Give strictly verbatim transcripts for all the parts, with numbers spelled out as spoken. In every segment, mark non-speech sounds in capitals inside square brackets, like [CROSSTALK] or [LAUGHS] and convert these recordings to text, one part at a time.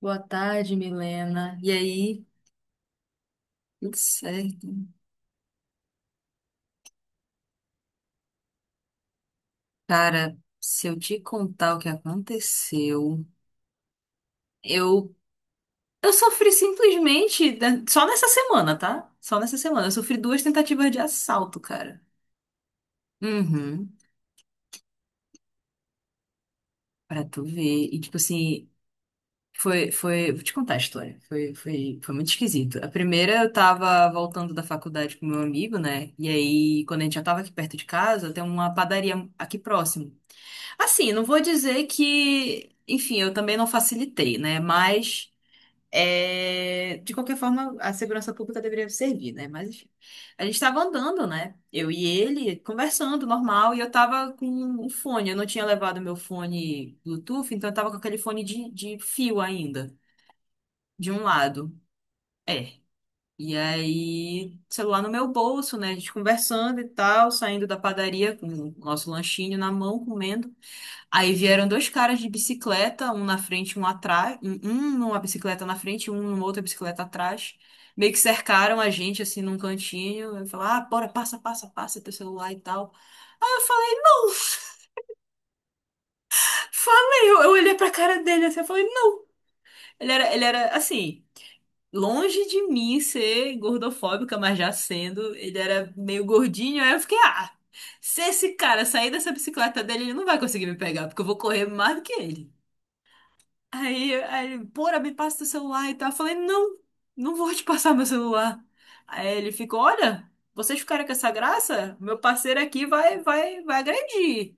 Boa tarde, Milena. E aí? Tudo certo? Cara, se eu te contar o que aconteceu, eu eu sofri simplesmente, né? Só nessa semana, tá? Só nessa semana. Eu sofri duas tentativas de assalto, cara. Uhum. Pra tu ver. E tipo assim, foi foi, vou te contar a história. Foi foi foi muito esquisito. A primeira eu tava voltando da faculdade com meu amigo, né? E aí, quando a gente já tava aqui perto de casa, tem uma padaria aqui próximo. Assim, não vou dizer que, enfim, eu também não facilitei, né? Mas, é, de qualquer forma, a segurança pública deveria servir, né? Mas, enfim, a gente estava andando, né? Eu e ele conversando, normal, e eu tava com um fone. Eu não tinha levado meu fone Bluetooth, então eu tava com aquele fone de, de fio ainda, de um lado. É. E aí, celular no meu bolso, né? A gente conversando e tal, saindo da padaria com o nosso lanchinho na mão, comendo. Aí vieram dois caras de bicicleta, um na frente, um atrás, um um numa bicicleta na frente, um numa outra bicicleta atrás. Meio que cercaram a gente assim num cantinho, e falaram: "Ah, bora, passa, passa, passa teu celular e tal". Aí eu falei: "Não". [LAUGHS] Falei, eu, eu olhei pra cara dele assim, eu falei: "Não". Ele era, ele era assim, longe de mim ser gordofóbica, mas já sendo, ele era meio gordinho, aí eu fiquei: "Ah, se esse cara sair dessa bicicleta dele, ele não vai conseguir me pegar, porque eu vou correr mais do que ele". Aí, aí ele, pora, me passa teu celular e tal. Eu falei, não, não vou te passar meu celular. Aí ele ficou, olha, vocês ficaram com essa graça? Meu parceiro aqui vai, vai, vai agredir.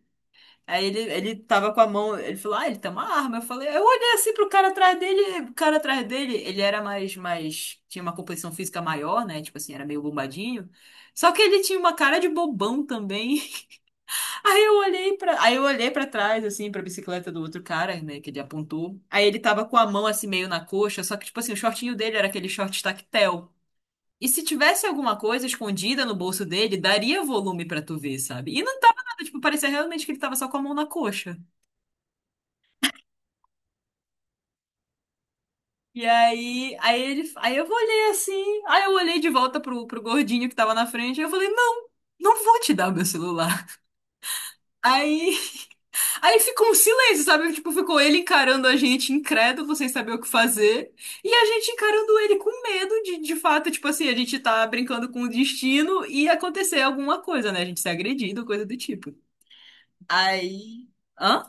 Aí ele, ele tava com a mão, ele falou, ah, ele tem uma arma. Eu falei, eu olhei assim pro cara atrás dele, o cara atrás dele, ele era mais, mais, tinha uma composição física maior, né? Tipo assim, era meio bombadinho. Só que ele tinha uma cara de bobão também. [LAUGHS] Aí eu olhei pra aí eu olhei pra trás assim pra bicicleta do outro cara, né, que ele apontou. Aí ele tava com a mão assim meio na coxa, só que tipo assim, o shortinho dele era aquele short tactel. E se tivesse alguma coisa escondida no bolso dele, daria volume pra tu ver, sabe? E não tava nada, tipo, parecia realmente que ele tava só com a mão na coxa. E aí, aí ele, aí eu olhei assim, aí eu olhei de volta pro, pro gordinho que tava na frente, e eu falei, não, não vou te dar o meu celular. Aí Aí ficou um silêncio, sabe? Tipo, ficou ele encarando a gente incrédulo, sem saber o que fazer, e a gente encarando ele com medo de, de fato, tipo assim, a gente tá brincando com o destino e acontecer alguma coisa, né? A gente ser agredido, coisa do tipo. Aí. Hã?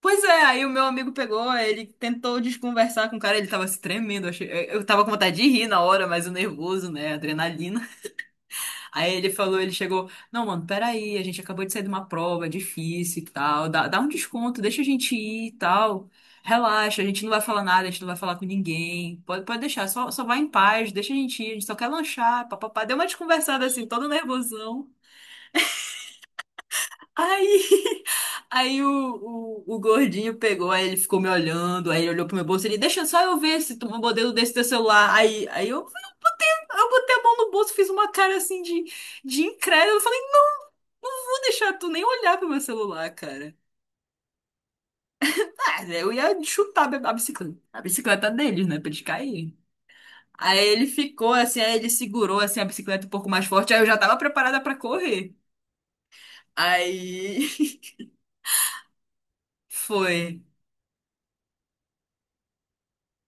Pois é, aí o meu amigo pegou, ele tentou desconversar com o cara, ele tava se tremendo, eu achei... eu eu tava com vontade de rir na hora, mas o nervoso, né? A adrenalina. Aí ele falou, ele chegou, não, mano, peraí, a gente acabou de sair de uma prova, é difícil e tal, dá, dá um desconto, deixa a gente ir e tal, relaxa, a gente não vai falar nada, a gente não vai falar com ninguém, pode, pode deixar, só, só vai em paz, deixa a gente ir, a gente só quer lanchar, papapá. Deu uma desconversada assim, todo nervosão. Aí, [LAUGHS] aí o, o, o gordinho pegou, aí ele ficou me olhando, aí ele olhou pro meu bolso, ele, deixa só eu ver se tu um modelo desse teu celular. Aí, aí eu, eu botei a mão no bolso, fiz uma cara assim de, de incrédulo, não vou deixar tu nem olhar pro meu celular, cara. Ah, eu ia chutar a bicicleta. A bicicleta deles, né? Pra eles caírem. Aí ele ficou assim, aí ele segurou assim a bicicleta um pouco mais forte, aí eu já tava preparada pra correr. Aí [LAUGHS] foi.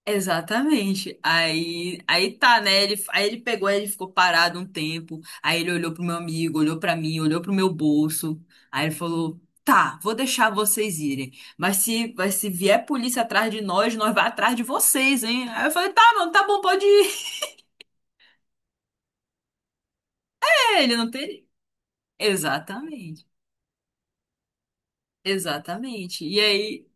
Exatamente. Aí, aí tá, né? Ele, aí ele pegou, aí ele ficou parado um tempo. Aí ele olhou pro meu amigo, olhou pra mim, olhou pro meu bolso. Aí ele falou: "Tá, vou deixar vocês irem, mas se, mas se vier polícia atrás de nós, nós vai atrás de vocês, hein?" Aí eu falei: "Tá, mano, tá bom, pode ir." [LAUGHS] Ele não tem. Exatamente. Exatamente. E aí.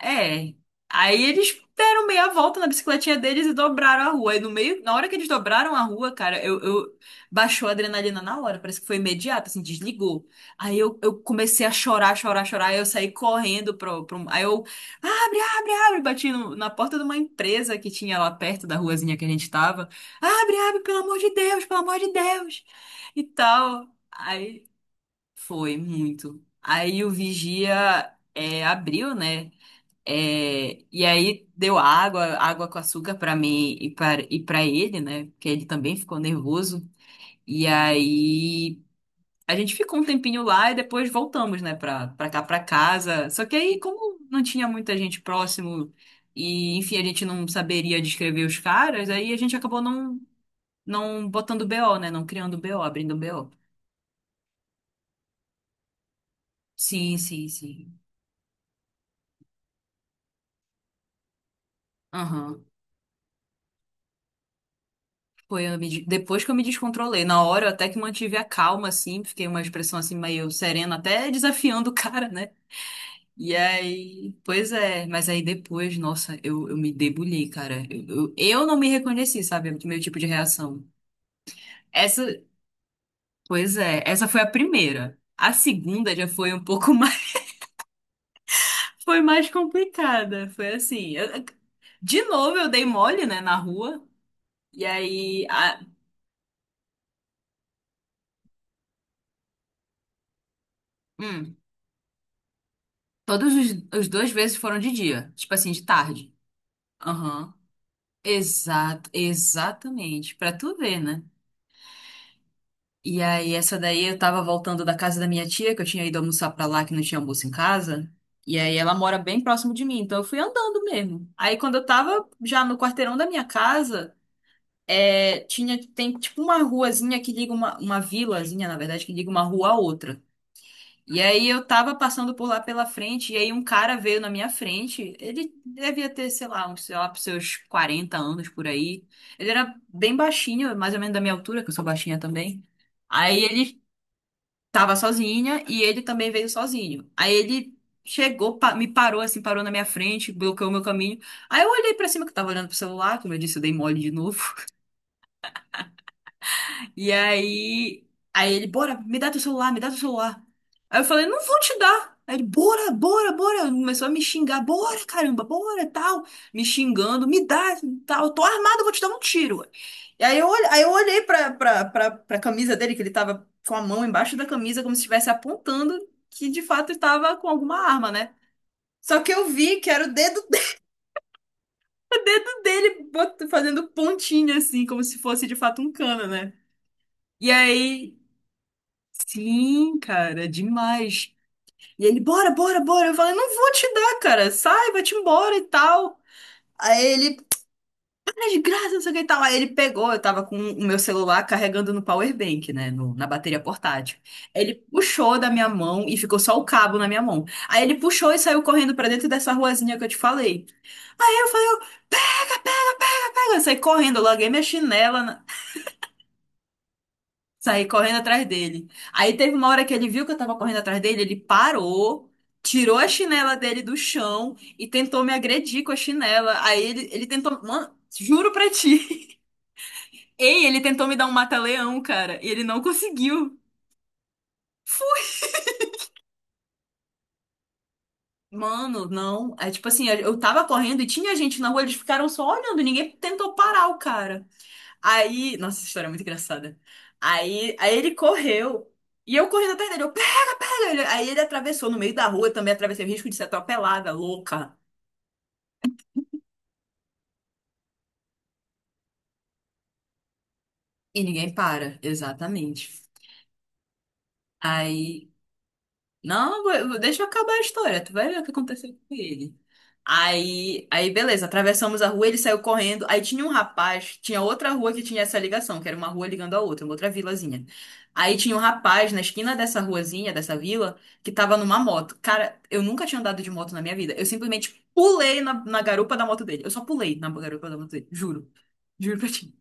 É. Aí eles deram meia volta na bicicletinha deles e dobraram a rua. E no meio, na hora que eles dobraram a rua, cara, eu, eu baixou a adrenalina na hora, parece que foi imediato, assim, desligou. Aí eu, eu comecei a chorar, chorar, chorar. Aí eu saí correndo pro, pro... Aí eu, abre, abre, abre, bati no- na porta de uma empresa que tinha lá perto da ruazinha que a gente tava. Abre, abre, pelo amor de Deus, pelo amor de Deus. E tal. Aí foi muito. Aí o vigia é, abriu, né? É, e aí deu água, água com açúcar para mim e para e para ele, né? Porque ele também ficou nervoso. E aí a gente ficou um tempinho lá e depois voltamos, né, Para para cá para casa. Só que aí como não tinha muita gente próximo e enfim, a gente não saberia descrever os caras, aí a gente acabou não não botando B O, né? Não criando B O, abrindo B O. Sim, sim, sim. Aham. Foi eu me de- depois que eu me descontrolei. Na hora eu até que mantive a calma, assim, fiquei uma expressão assim meio serena, até desafiando o cara, né? E aí, pois é, mas aí depois, nossa, eu, eu me debulhei, cara. Eu, eu, eu não me reconheci, sabe? Do meu tipo de reação. Essa, pois é, essa foi a primeira. A segunda já foi um pouco [LAUGHS] mais, foi mais complicada. Foi assim, eu- de novo eu dei mole, né, na rua. E aí, a, hum, todos os, os dois vezes foram de dia, tipo assim, de tarde. Aham. Exato, exatamente. Pra tu ver, né? E aí, essa daí eu tava voltando da casa da minha tia, que eu tinha ido almoçar pra lá, que não tinha almoço em casa. E aí, ela mora bem próximo de mim, então eu fui andando mesmo. Aí, quando eu tava já no quarteirão da minha casa, é, tinha, tem tipo uma ruazinha que liga uma, uma vilazinha, na verdade, que liga uma rua à outra. E aí eu tava passando por lá pela frente, e aí um cara veio na minha frente. Ele devia ter, sei lá, uns, sei lá, pros seus quarenta anos por aí. Ele era bem baixinho, mais ou menos da minha altura, que eu sou baixinha também. Aí ele tava sozinha e ele também veio sozinho. Aí ele chegou, pa- me parou assim, parou na minha frente, bloqueou o meu caminho. Aí eu olhei pra cima que eu tava olhando pro celular, como eu disse, eu dei mole de novo. E aí, aí ele, bora, me dá teu celular, me dá teu celular. Aí eu falei, não vou te dar. Aí ele, bora, bora, bora. Começou a me xingar, bora, caramba, bora, tal. Me xingando, me dá, tal. Eu tô armado, eu vou te dar um tiro. E aí eu, olhe- aí eu olhei pra, pra, pra, pra camisa dele, que ele tava com a mão embaixo da camisa, como se estivesse apontando que de fato estava com alguma arma, né? Só que eu vi que era o dedo, de- [LAUGHS] o dedo dele bot- fazendo pontinha, assim, como se fosse de fato um cano, né? E aí. Sim, cara, demais. E ele, bora, bora, bora. Eu falei, não vou te dar, cara. Sai, vai-te embora e tal. Aí ele, tá de graça, não sei o que e tal. Aí ele pegou, eu tava com o meu celular carregando no power bank, né? no- na bateria portátil. Ele puxou da minha mão e ficou só o cabo na minha mão. Aí ele puxou e saiu correndo pra dentro dessa ruazinha que eu te falei. Aí eu falei, eu, pega, eu saí correndo, eu larguei minha chinela. Saí correndo atrás dele. Aí teve uma hora que ele viu que eu tava correndo atrás dele, ele parou, tirou a chinela dele do chão e tentou me agredir com a chinela. Aí ele, ele tentou. Mano, juro pra ti. [LAUGHS] Ei, ele tentou me dar um mata-leão, cara, e ele não conseguiu. Mano, não. É tipo assim, eu eu tava correndo e tinha gente na rua, eles ficaram só olhando, ninguém tentou parar o cara. Aí, nossa, essa história é muito engraçada. Aí, aí ele correu. E eu correndo atrás dele, eu pega, pega. Ele- Aí ele atravessou no meio da rua, eu também atravessei o risco de ser atropelada, louca. E ninguém para, exatamente. Aí, não, vou- vou- deixa eu acabar a história, tu vai ver o que aconteceu com ele. Aí, aí beleza, atravessamos a rua, ele saiu correndo. Aí tinha um rapaz, tinha outra rua que tinha essa ligação, que era uma rua ligando a outra, uma outra vilazinha. Aí tinha um rapaz na esquina dessa ruazinha, dessa vila, que tava numa moto. Cara, eu nunca tinha andado de moto na minha vida. Eu simplesmente pulei na, na garupa da moto dele. Eu só pulei na garupa da moto dele, juro. Juro pra ti.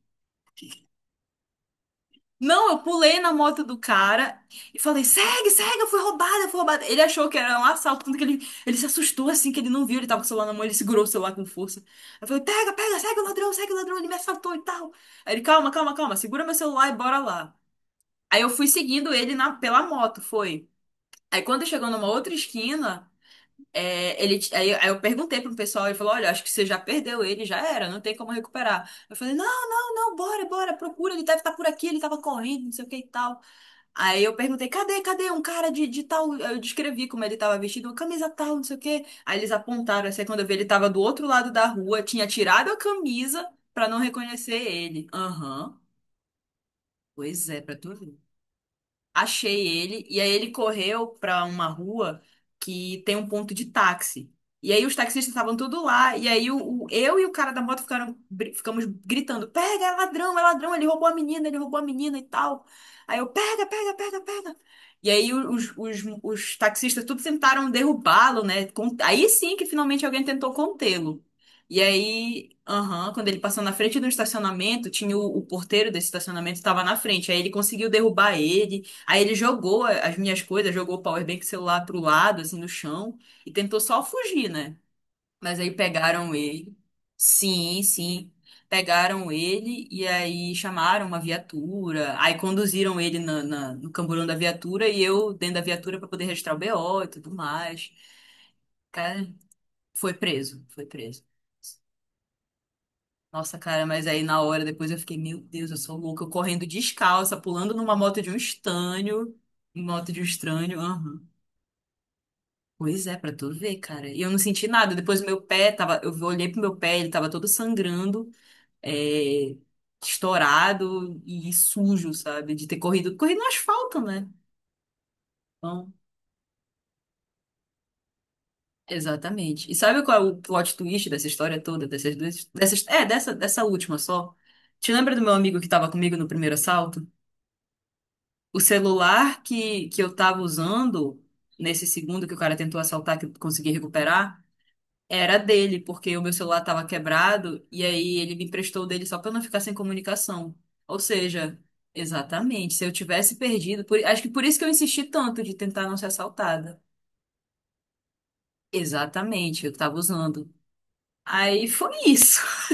Não, eu pulei na moto do cara e falei: segue, segue, eu fui roubada, eu fui roubada. Ele achou que era um assalto, tanto que ele, ele se assustou assim, que ele não viu, ele tava com o celular na mão, ele segurou o celular com força. Eu falei: pega, pega, segue o ladrão, segue o ladrão, ele me assaltou e tal. Aí ele: calma, calma, calma, segura meu celular e bora lá. Aí eu fui seguindo ele na, pela moto, foi. Aí quando chegou numa outra esquina, é, ele, t- aí, aí eu perguntei pro pessoal, ele falou: olha, acho que você já perdeu ele, já era, não tem como recuperar. Eu falei: não, não, não, bora, bora, procura, ele deve estar por aqui, ele tava correndo, não sei o que e tal. Aí eu perguntei, cadê, cadê um cara de, de tal? Eu descrevi como ele tava vestido, uma camisa tal, não sei o quê. Aí eles apontaram, assim, quando eu vi, ele tava do outro lado da rua, tinha tirado a camisa pra não reconhecer ele. Aham. Pois é, pra tu ver, achei ele, e aí ele correu pra uma rua que tem um ponto de táxi. E aí os taxistas estavam tudo lá, e aí o, o- eu e o cara da moto ficaram, bri- ficamos gritando: pega, é ladrão, é ladrão, ele roubou a menina, ele roubou a menina e tal. Aí eu: pega, pega, pega, pega. E aí o- os, os, os taxistas tudo tentaram derrubá-lo, né? Con- Aí sim que finalmente alguém tentou contê-lo. E aí, aham, quando ele passou na frente do estacionamento, tinha o, o porteiro desse estacionamento estava na frente. Aí ele conseguiu derrubar ele. Aí ele jogou as minhas coisas, jogou o powerbank celular pro lado, assim, no chão, e tentou só fugir, né? Mas aí pegaram ele. Sim, sim. Pegaram ele e aí chamaram uma viatura. Aí conduziram ele na, na- no camburão da viatura e eu dentro da viatura para poder registrar o B O e tudo mais. Cara, foi preso, foi preso. Nossa, cara, mas aí na hora depois eu fiquei, meu Deus, eu sou louca, eu correndo descalça, pulando numa moto de um estranho, moto de um estranho. Pois é, pra tu ver, cara. E eu não senti nada. Depois meu pé tava, eu olhei pro meu pé, ele tava todo sangrando, é, estourado e sujo, sabe? De ter corrido, corrido no asfalto, né? Então, exatamente. E sabe qual é o plot twist dessa história toda, dessas duas, dessas, é, dessa, dessa última só? Te lembra do meu amigo que tava comigo no primeiro assalto? O celular que, que eu tava usando nesse segundo que o cara tentou assaltar, que eu consegui recuperar? Era dele, porque o meu celular estava quebrado e aí ele me emprestou o dele só para não ficar sem comunicação. Ou seja, exatamente, se eu tivesse perdido, por- acho que por isso que eu insisti tanto de tentar não ser assaltada. Exatamente, eu estava usando. Aí foi isso. [LAUGHS]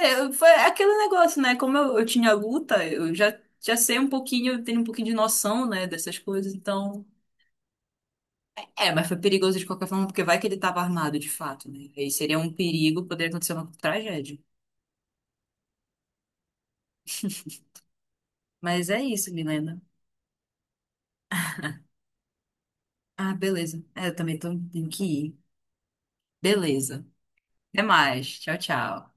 É, foi aquele negócio, né? Como eu, eu tinha luta, eu já, já sei um pouquinho, eu tenho um pouquinho de noção, né, dessas coisas, então. É, mas foi perigoso de qualquer forma, porque vai que ele estava armado de fato, né? Aí seria um perigo, poderia acontecer uma tragédia. Mas é isso, Milena. Ah, beleza. É, eu também tô, tenho que ir. Beleza. Até mais. Tchau, tchau.